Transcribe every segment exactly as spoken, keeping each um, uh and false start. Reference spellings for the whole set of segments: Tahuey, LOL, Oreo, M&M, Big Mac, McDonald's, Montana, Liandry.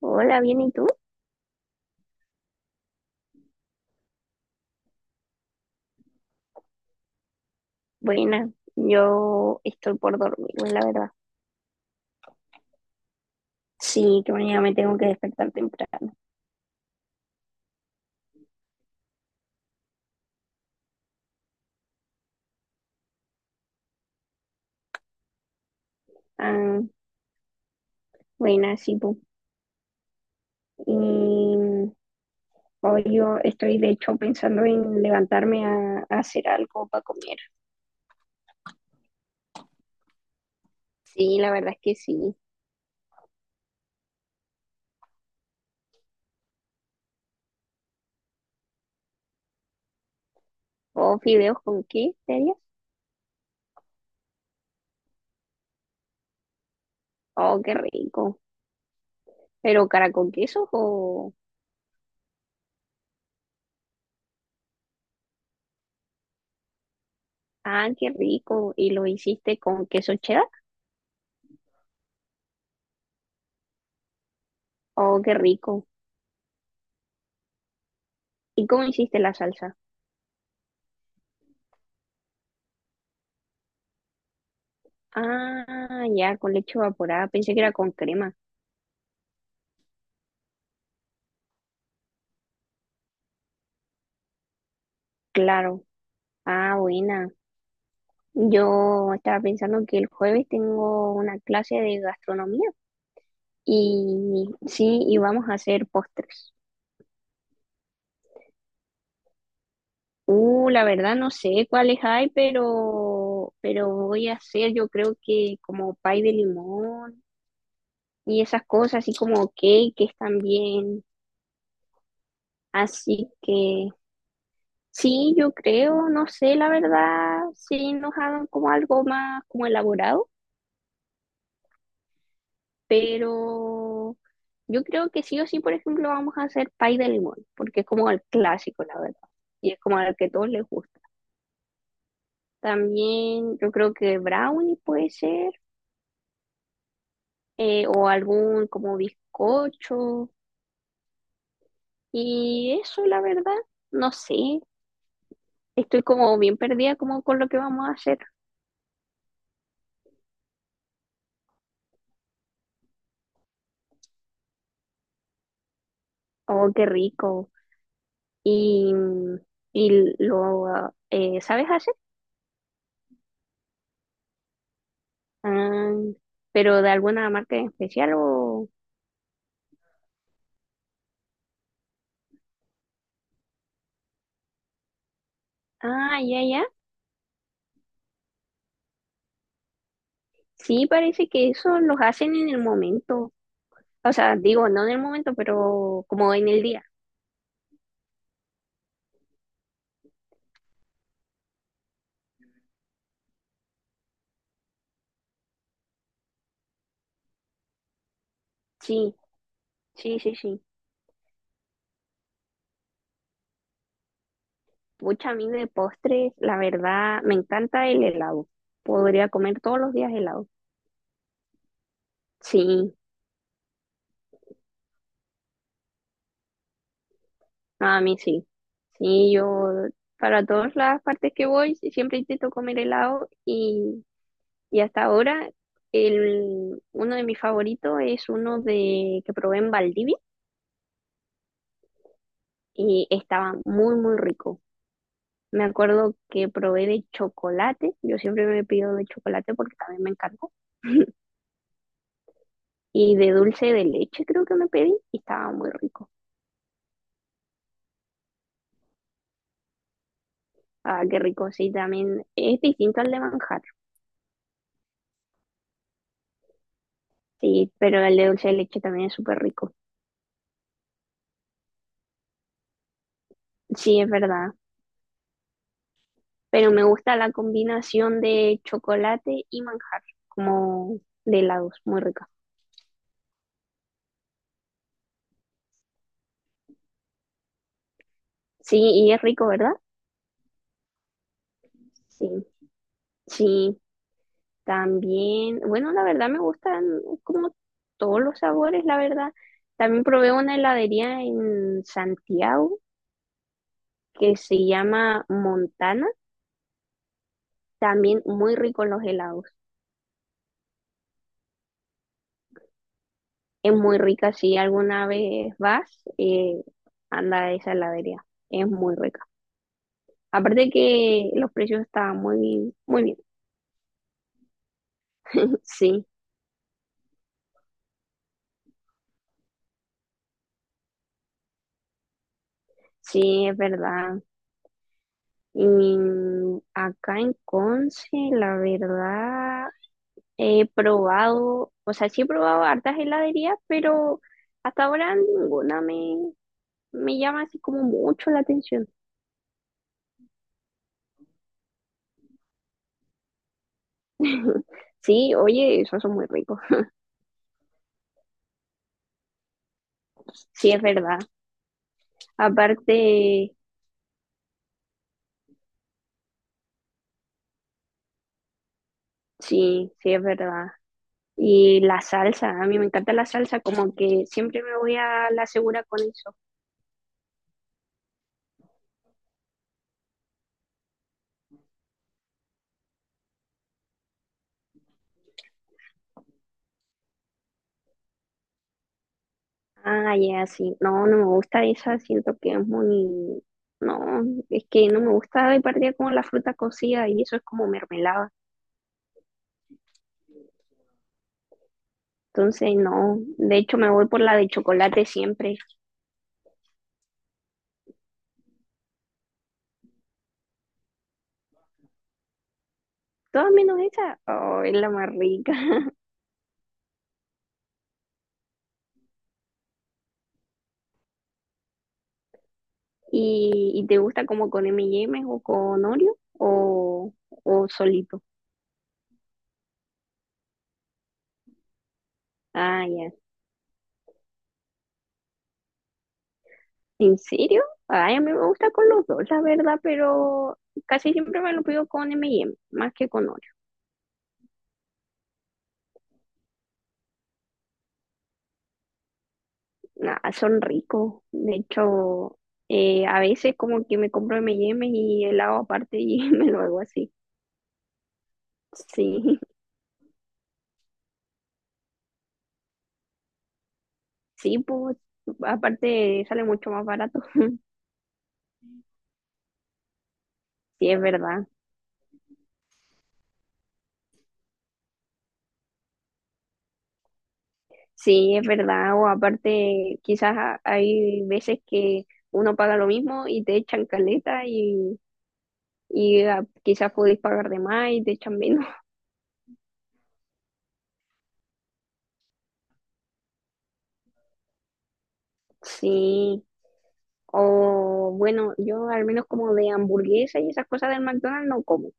Hola, bien, ¿y tú? Buena, yo estoy por dormirme, la verdad. Sí, que mañana me tengo que despertar temprano. Ah, buena, sí, tú. Y hoy yo estoy, de hecho, pensando en levantarme a, a hacer algo para comer. Sí, la verdad es que sí. ¿O fideos con qué, te? Oh, qué rico. ¿Pero cara con queso o? Ah, qué rico. ¿Y lo hiciste con queso cheddar? Oh, qué rico. ¿Y cómo hiciste la salsa? Ah, ya, con leche evaporada. Pensé que era con crema. Claro. Ah, buena. Yo estaba pensando que el jueves tengo una clase de gastronomía y sí, y vamos a hacer postres. Uh, la verdad no sé cuáles hay, pero, pero voy a hacer yo creo que como pay de limón y esas cosas, así como cakes también. Así que sí, yo creo, no sé, la verdad, si nos hagan como algo más como elaborado. Pero yo creo que sí o sí, por ejemplo, vamos a hacer pay de limón, porque es como el clásico, la verdad, y es como al que todos les gusta. También yo creo que brownie puede ser, eh, o algún como bizcocho, y eso, la verdad, no sé, estoy como bien perdida como con lo que vamos a hacer. Oh, qué rico. Y, mm, y lo ah, eh, ¿sabes hacer? Ah, pero de alguna marca en especial o. Ah, ya, ya. Sí, parece que eso los hacen en el momento. O sea, digo, no en el momento, pero como en el día. Sí, sí, sí, sí. Pucha, a mí de postres, la verdad, me encanta el helado. Podría comer todos los días helado. Sí, a mí sí. Sí, yo para todas las partes que voy siempre intento comer helado y, y hasta ahora el, uno de mis favoritos es uno de que probé en Valdivia y estaba muy, muy rico. Me acuerdo que probé de chocolate, yo siempre me pido de chocolate porque también me encantó. Y de dulce de leche creo que me pedí y estaba muy rico. Ah, qué rico, sí, también es distinto al de manjar, sí, pero el de dulce de leche también es súper rico. Sí, es verdad, pero me gusta la combinación de chocolate y manjar, como de helados, muy rica. Sí, y es rico, ¿verdad? Sí, sí. También, bueno, la verdad me gustan como todos los sabores, la verdad. También probé una heladería en Santiago que se llama Montana, también muy rico los helados. Es muy rica, si alguna vez vas, eh, anda a esa heladería, es muy rica. Aparte que los precios estaban muy bien, muy bien. Sí, sí, es verdad. Y acá en Conce, la verdad. He probado, o sea, sí he probado hartas heladerías, pero hasta ahora ninguna me, me llama así como mucho la atención. Sí, oye, esos son muy ricos. Sí, es verdad. Aparte, sí, sí, es verdad. Y la salsa, a mí me encanta la salsa, como que siempre me voy a la segura con eso. Ah, ya, sí. No, no me gusta esa, siento que es muy. No, es que no me gusta de partida como la fruta cocida y eso es como mermelada. Entonces, no. De hecho, me voy por la de chocolate siempre. Todas menos esa. Oh, es la más rica. ¿Y, y te gusta como con eme y eme o con Oreo o, o solito? Ah, ya. ¿En serio? Ay, a mí me gusta con los dos, la verdad, pero casi siempre me lo pido con eme y eme, más que con Oreo. Nada, son ricos. De hecho, eh, a veces como que me compro eme y eme y M y helado aparte y me lo hago así. Sí. Sí, pues, aparte sale mucho más barato. Sí, es verdad. Sí, es verdad. O aparte, quizás ha- hay veces que uno paga lo mismo y te echan caleta y, y ah, quizás podéis pagar de más y te echan menos. Sí. O bueno, yo al menos como de hamburguesa y esas cosas del McDonald's no como.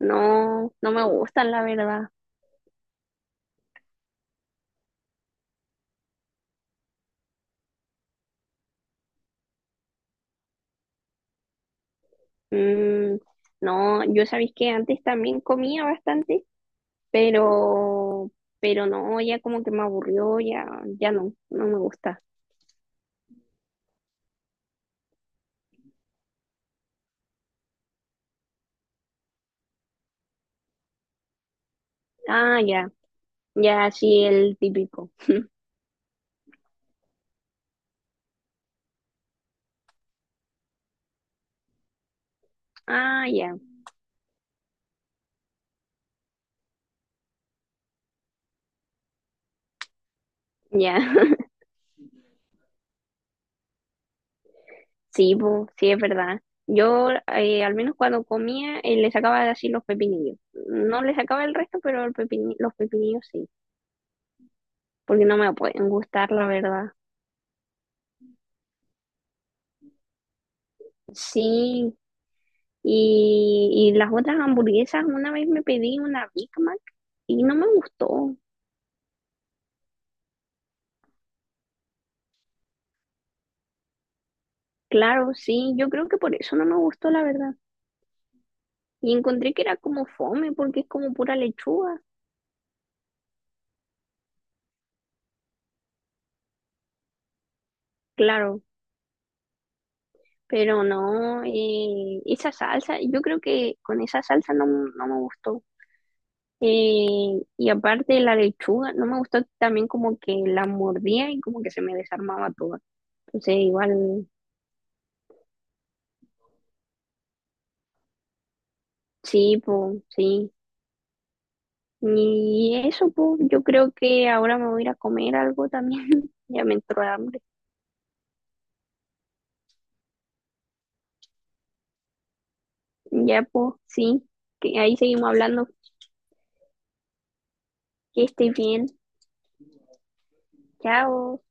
No, no me gustan, la verdad. Mm, no, yo sabéis que antes también comía bastante pero, pero no, ya como que me aburrió, ya, ya no, no me gusta. Ah, ya, ya, sí, el típico. Ah, ya, ya, sí, po, sí, es verdad. Yo, eh, al menos cuando comía, eh, le sacaba así los pepinillos. No le sacaba el resto, pero el pepini- los pepinillos sí, porque no me pueden gustar, la verdad. Sí, y, y las otras hamburguesas, una vez me pedí una Big Mac y no me gustó. Claro, sí, yo creo que por eso no me gustó, la verdad. Y encontré que era como fome porque es como pura lechuga, claro, pero no, eh, esa salsa, yo creo que con esa salsa no, no me gustó. Eh, y aparte la lechuga, no me gustó también como que la mordía y como que se me desarmaba toda. Entonces igual, sí, pues, sí. Y eso, pues, yo creo que ahora me voy a ir a comer algo también. Ya me entró hambre. Ya, pues, sí, que ahí seguimos hablando. Que estés bien. Chao.